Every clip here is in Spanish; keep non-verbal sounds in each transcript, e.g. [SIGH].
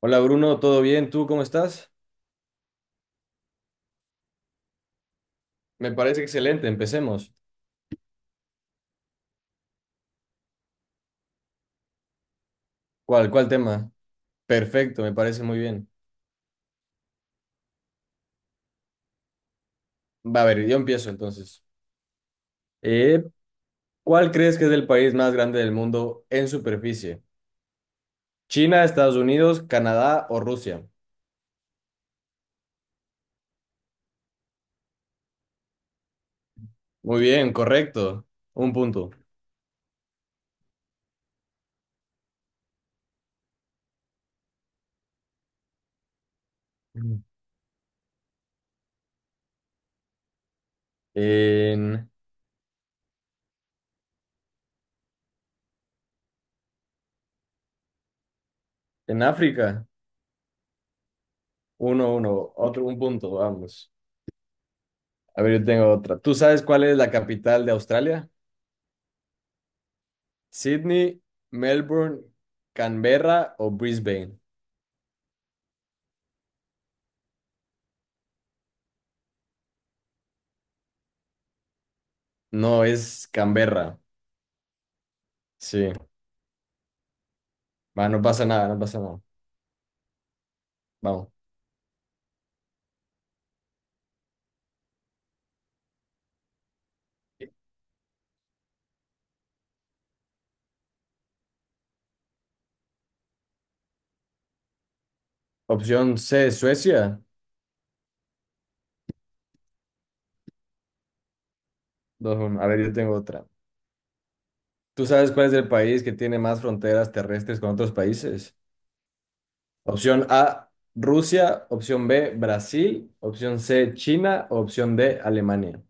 Hola Bruno, ¿todo bien? ¿Tú cómo estás? Me parece excelente, empecemos. ¿Cuál tema? Perfecto, me parece muy bien. Va a ver, yo empiezo entonces. Eh, ¿Cuál crees que es el país más grande del mundo en superficie? ¿China, Estados Unidos, Canadá o Rusia? Muy bien, correcto. Un punto. Mm. En, en África, uno, uno, otro, un punto, vamos. A ver, yo tengo otra. ¿Tú sabes cuál es la capital de Australia? ¿Sydney, Melbourne, Canberra o Brisbane? No, es Canberra. Sí. Va, no pasa nada, no pasa nada. Vamos. Opción C, Suecia. Dos, 1. A ver, yo tengo otra. ¿Tú sabes cuál es el país que tiene más fronteras terrestres con otros países? Opción A, Rusia. Opción B, Brasil. Opción C, China. Opción D, Alemania.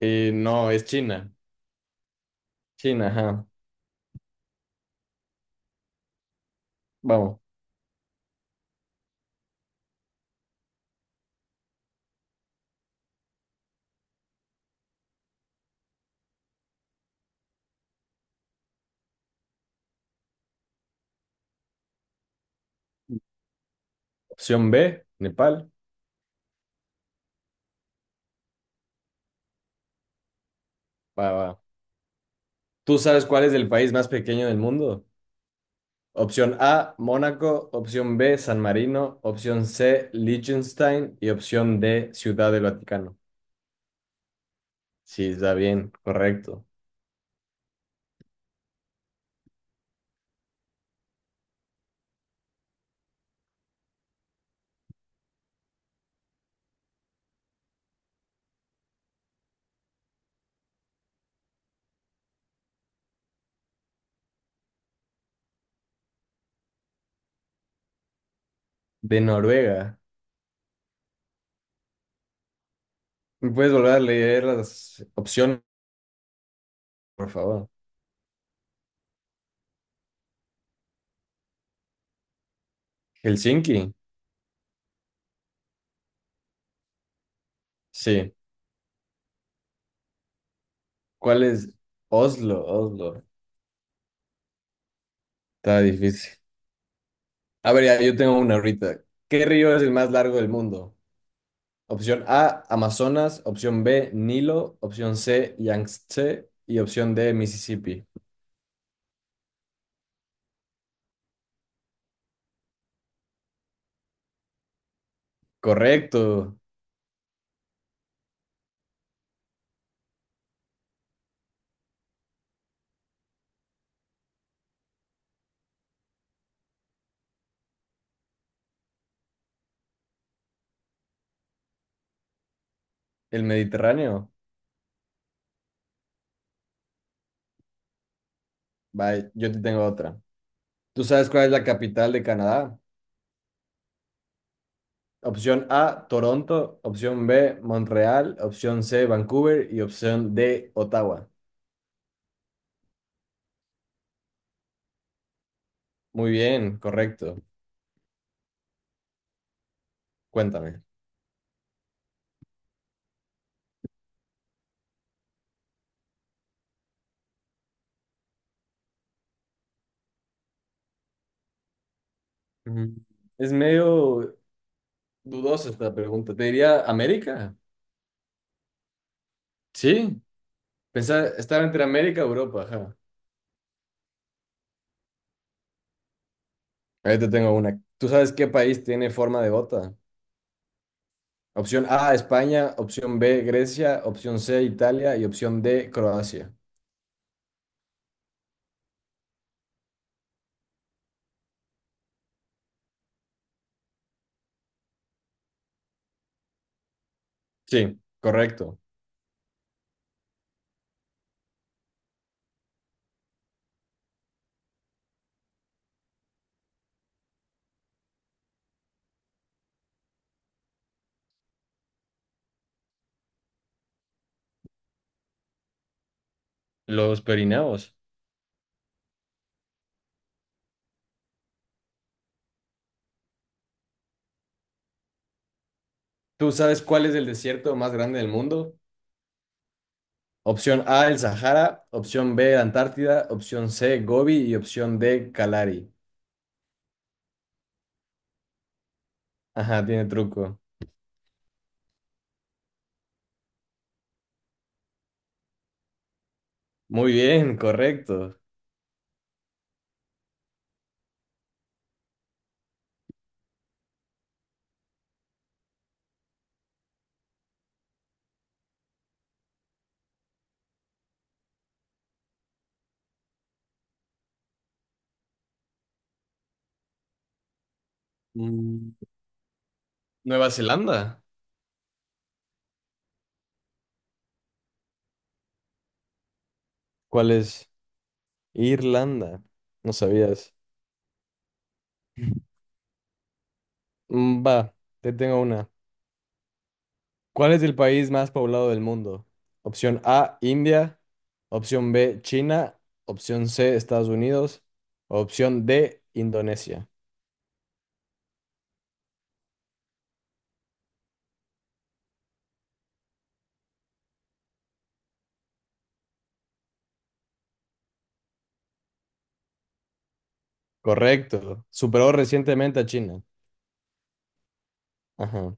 No, es China. China, ajá. Vamos. Opción B, Nepal. Va, va. ¿Tú sabes cuál es el país más pequeño del mundo? Opción A, Mónaco. Opción B, San Marino. Opción C, Liechtenstein. Y opción D, Ciudad del Vaticano. Sí, está bien, correcto. De Noruega. ¿Me puedes volver a leer las opciones, por favor? Helsinki. Sí. ¿Cuál es? Oslo, Oslo. Está difícil. A ver, ya, yo tengo una ahorita. ¿Qué río es el más largo del mundo? Opción A, Amazonas. Opción B, Nilo. Opción C, Yangtze. Y opción D, Mississippi. Correcto. El Mediterráneo. Bye, yo te tengo otra. ¿Tú sabes cuál es la capital de Canadá? Opción A, Toronto. Opción B, Montreal. Opción C, Vancouver. Y opción D, Ottawa. Muy bien, correcto. Cuéntame. Mm, es medio dudosa esta pregunta. Te diría América. Sí. Pensaba, estaba entre América y Europa. Ajá. Ahí te tengo una. ¿Tú sabes qué país tiene forma de bota? Opción A, España. Opción B, Grecia. Opción C, Italia. Y opción D, Croacia. Sí, correcto. Los perineos. ¿Tú sabes cuál es el desierto más grande del mundo? Opción A, el Sahara. Opción B, Antártida. Opción C, Gobi. Y opción D, Kalari. Ajá, tiene truco. Muy bien, correcto. Mm, ¿Nueva Zelanda? ¿Cuál es? Irlanda. No sabías. [LAUGHS] Mm, va, te tengo una. ¿Cuál es el país más poblado del mundo? Opción A, India. Opción B, China. Opción C, Estados Unidos. Opción D, Indonesia. Correcto. Superó recientemente a China. Ajá.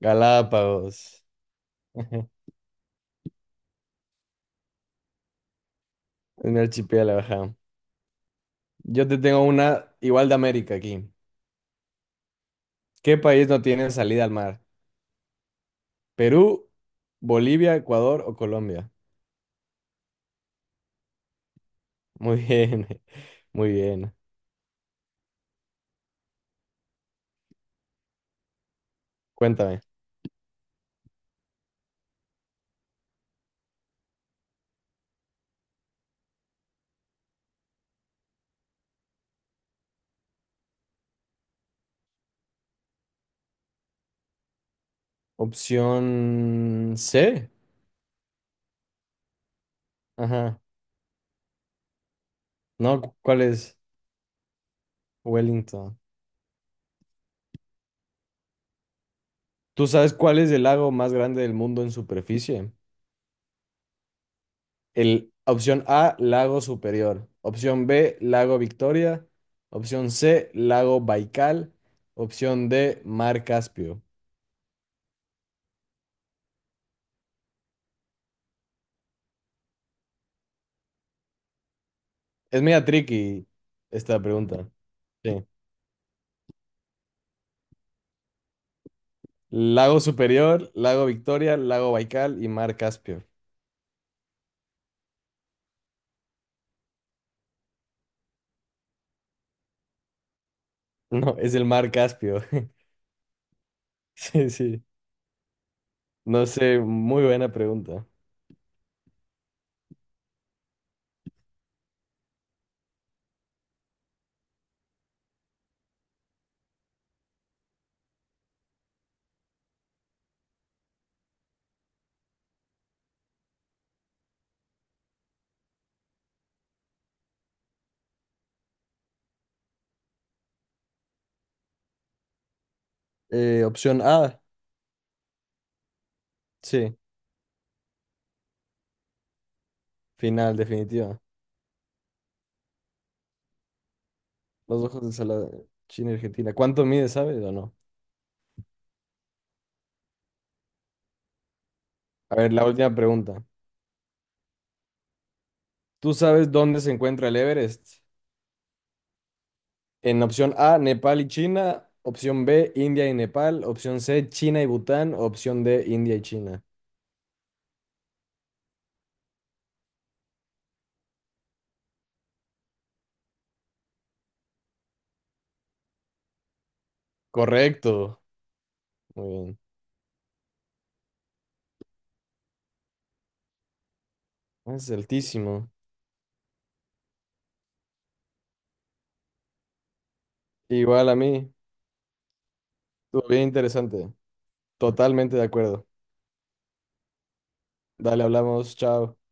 Galápagos. [LAUGHS] Ajá. Un archipiélago, ajá. Yo te tengo una igual de América aquí. ¿Qué país no tiene salida al mar? ¿Perú, Bolivia, Ecuador o Colombia? Muy bien. [LAUGHS] Muy bien. Cuéntame. Opción C. Ajá. No, cu- ¿cuál es Wellington? ¿Tú sabes cuál es el lago más grande del mundo en superficie? El, opción A, lago Superior. Opción B, lago Victoria. Opción C, lago Baikal. Opción D, mar Caspio. Es media tricky esta pregunta. Sí. Lago Superior, lago Victoria, lago Baikal y mar Caspio. [LAUGHS] No, es el mar Caspio. [LAUGHS] Sí, sí. No sé, muy buena pregunta. Opción A, sí, final, definitiva. Los ojos de Salada, China, y Argentina. ¿Cuánto mide, sabes o no? A ver, la última pregunta. ¿Tú sabes dónde se encuentra el Everest? En opción A, Nepal y China. Opción B, India y Nepal. Opción C, China y Bután. Opción D, India y China. Correcto. Muy bien. Es altísimo. Igual a mí. Estuvo bien interesante. Totalmente de acuerdo. Dale, hablamos. Chao.